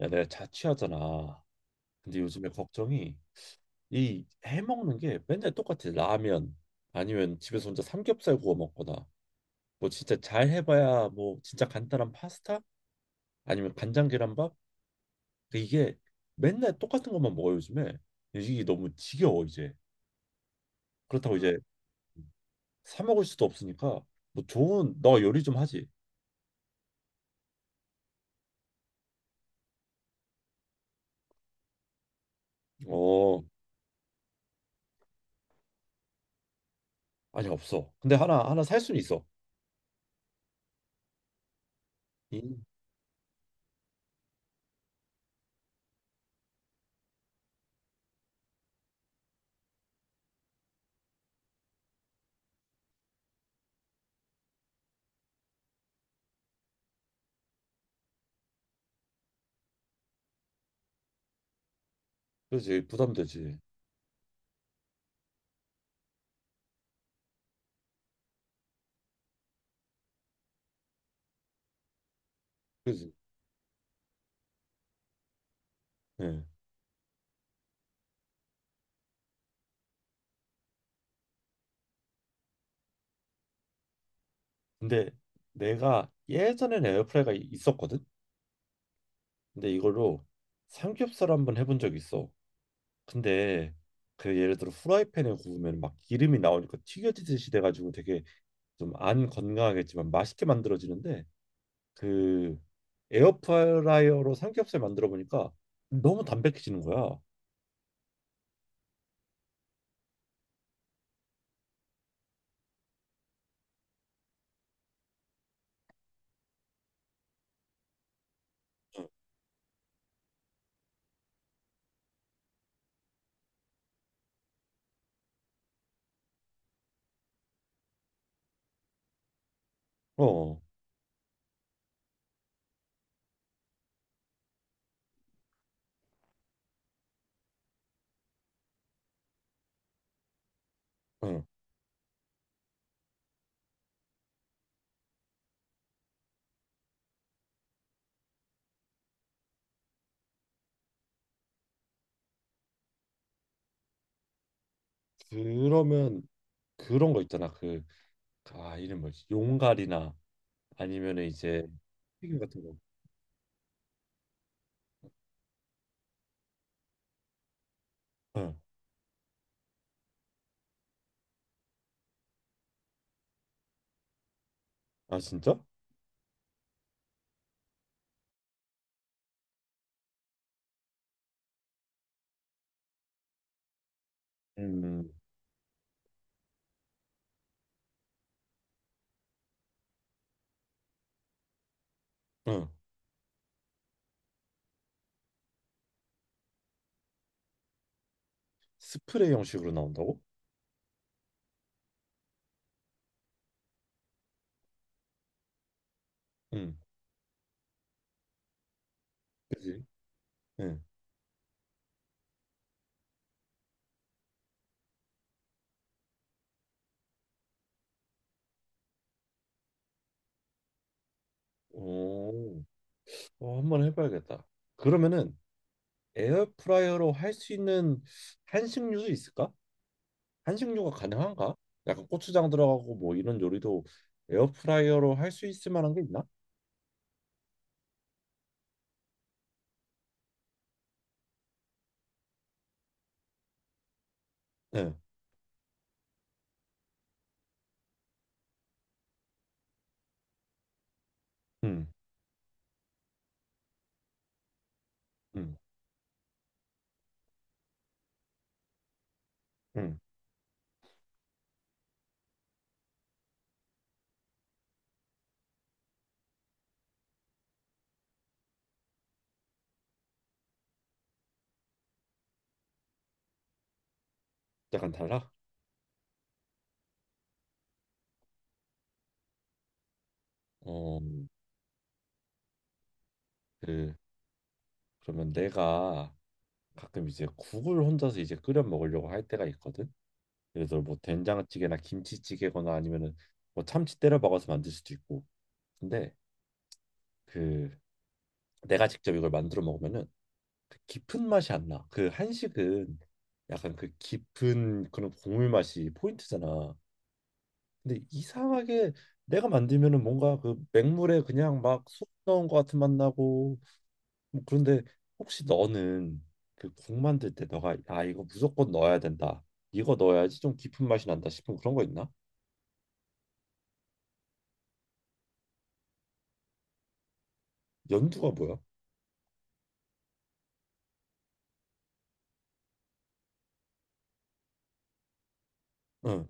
야, 내가 자취하잖아. 근데 요즘에 걱정이 이 해먹는 게 맨날 똑같아. 라면 아니면 집에서 혼자 삼겹살 구워 먹거나 뭐 진짜 잘 해봐야 뭐 진짜 간단한 파스타 아니면 간장 계란밥. 근데 이게 맨날 똑같은 것만 먹어 요즘에. 이게 너무 지겨워 이제. 그렇다고 이제 사 먹을 수도 없으니까. 뭐 좋은, 너 요리 좀 하지? 어. 아니 없어. 근데 하나 살 수는 있어. 이 그렇지, 부담되지. 그렇지. 예. 근데 내가 예전에는 에어프라이가 있었거든. 근데 이걸로 삼겹살 한번 해본 적이 있어. 근데 그 예를 들어 후라이팬에 구우면 막 기름이 나오니까 튀겨지듯이 돼가지고 되게 좀 안 건강하겠지만 맛있게 만들어지는데, 그 에어프라이어로 삼겹살 만들어 보니까 너무 담백해지는 거야. 어, 응. 그러면 그런 거 있잖아. 아 이름 뭐지? 용갈이나 아니면은 이제 튀김 같은 거. 응. 아 진짜? 음, 응. 스프레이 형식으로 나온다고? 응, 그지? 응. 오, 어, 한번 해봐야겠다. 그러면은 에어프라이어로 할 수 있는 한식류도 있을까? 한식류가 가능한가? 약간 고추장 들어가고 뭐 이런 요리도 에어프라이어로 할 수 있을 만한 게 있나? 응, 응, 응, 응. 약간 달라? 어, 그, 그러면 내가 가끔 이제 국을 혼자서 이제 끓여 먹으려고 할 때가 있거든. 그래서 뭐 된장찌개나 김치찌개거나 아니면은 뭐 참치 때려 박아서 만들 수도 있고. 근데 그 내가 직접 이걸 만들어 먹으면은 그 깊은 맛이 안 나. 그 한식은 약간 그 깊은 그런 국물 맛이 포인트잖아. 근데 이상하게 내가 만들면은 뭔가 그 맹물에 그냥 막속 넣은 것 같은 맛 나고 뭐 그런데, 혹시 너는 그 국 만들 때 너가 아 이거 무조건 넣어야 된다, 이거 넣어야지 좀 깊은 맛이 난다 싶은 그런 거 있나? 연두가 뭐야? 응.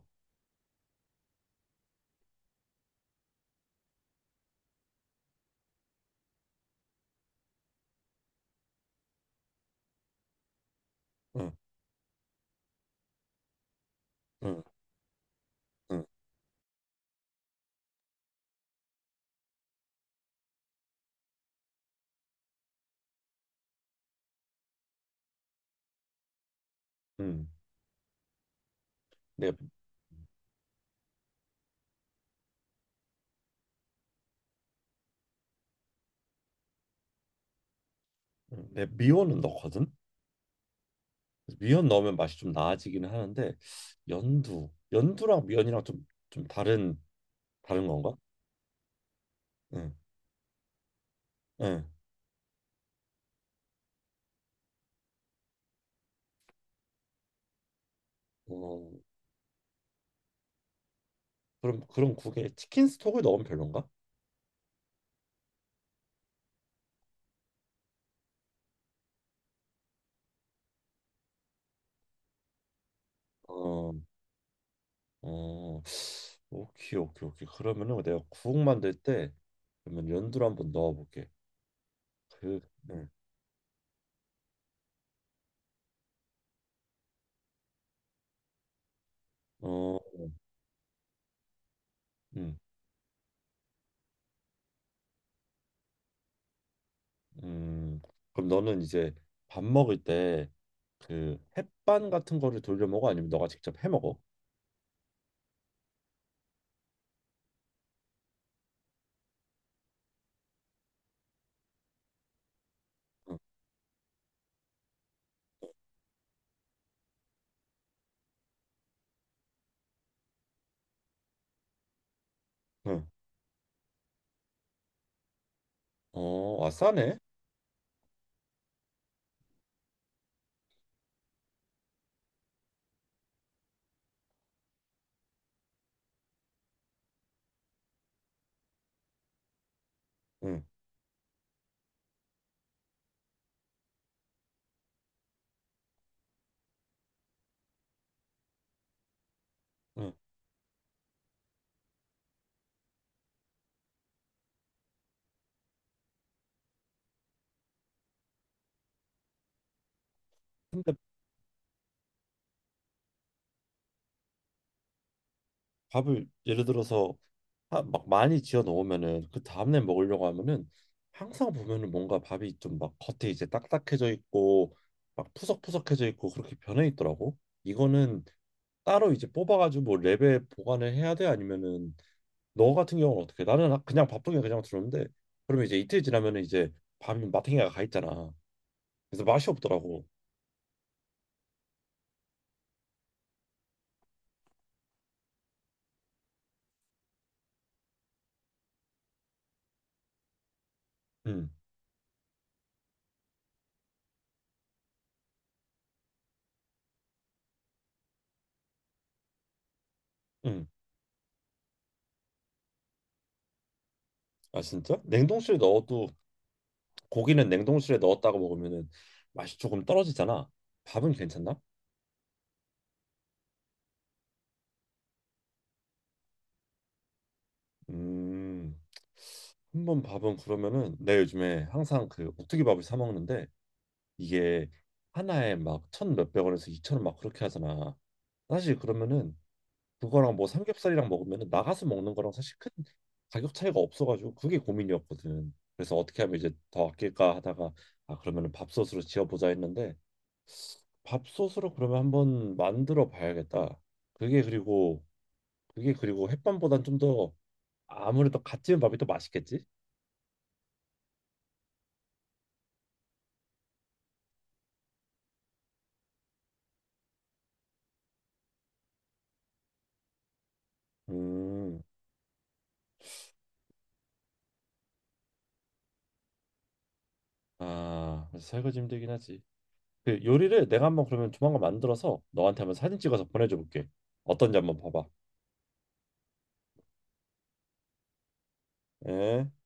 응, 응, 응, 응. 내가 응, 내가 미원은 넣거든. 그래서 미원 넣으면 맛이 좀 나아지기는 하는데 연두랑 미원이랑 좀 다른 건가? 응, 응. 어, 그럼 그런 국에 치킨 스톡을 넣으면 별론가? 어, 어, 오케이, 오케이, 오케이. 그러면은 내가 국 만들 때 그러면 연두를 한번 넣어볼게. 그, 응, 어, 음. 음, 그럼 너는 이제 밥 먹을 때 그 햇반 같은 거를 돌려 먹어? 아니면 너가 직접 해 먹어? 응. 응. 어, 아 싸네. 응. 응. 근데 밥을 예를 들어서 막 많이 지어 놓으면은 그 다음날 먹으려고 하면은 항상 보면은 뭔가 밥이 좀 막 겉에 이제 딱딱해져 있고 막 푸석푸석해져 있고 그렇게 변해 있더라고. 이거는 따로 이제 뽑아가지고 뭐 랩에 보관을 해야 돼? 아니면은 너 같은 경우는 어떻게? 나는 그냥 바쁘게 그냥 들었는데 그러면 이제 이틀 지나면 은 이제 밤이 마탱이가 가 있잖아. 그래서 맛이 없더라고. 응, 응. 아 진짜? 냉동실에 넣어도? 고기는 냉동실에 넣었다가 먹으면은 맛이 조금 떨어지잖아. 밥은 괜찮나? 음, 한번. 밥은 그러면은 내 요즘에 항상 그 오뚜기 밥을 사 먹는데 이게 하나에 막 천 몇백 원에서 2,000원 막 그렇게 하잖아. 사실 그러면은 그거랑 뭐 삼겹살이랑 먹으면 나가서 먹는 거랑 사실 큰 가격 차이가 없어가지고 그게 고민이었거든. 그래서 어떻게 하면 이제 더 아낄까 하다가 아 그러면은 밥솥으로 지어보자 했는데 밥솥으로 그러면 한번 만들어 봐야겠다. 그게 그리고 그게 그리고 햇반보단 좀 더 아무래도 갓 지은 밥이 더 맛있겠지? 음. 아, 그래서 설거지 힘들긴 하지. 그 요리를 내가 한번 그러면 조만간 만들어서 너한테 한번 사진 찍어서 보내줘 볼게. 어떤지 한번 봐봐. 예.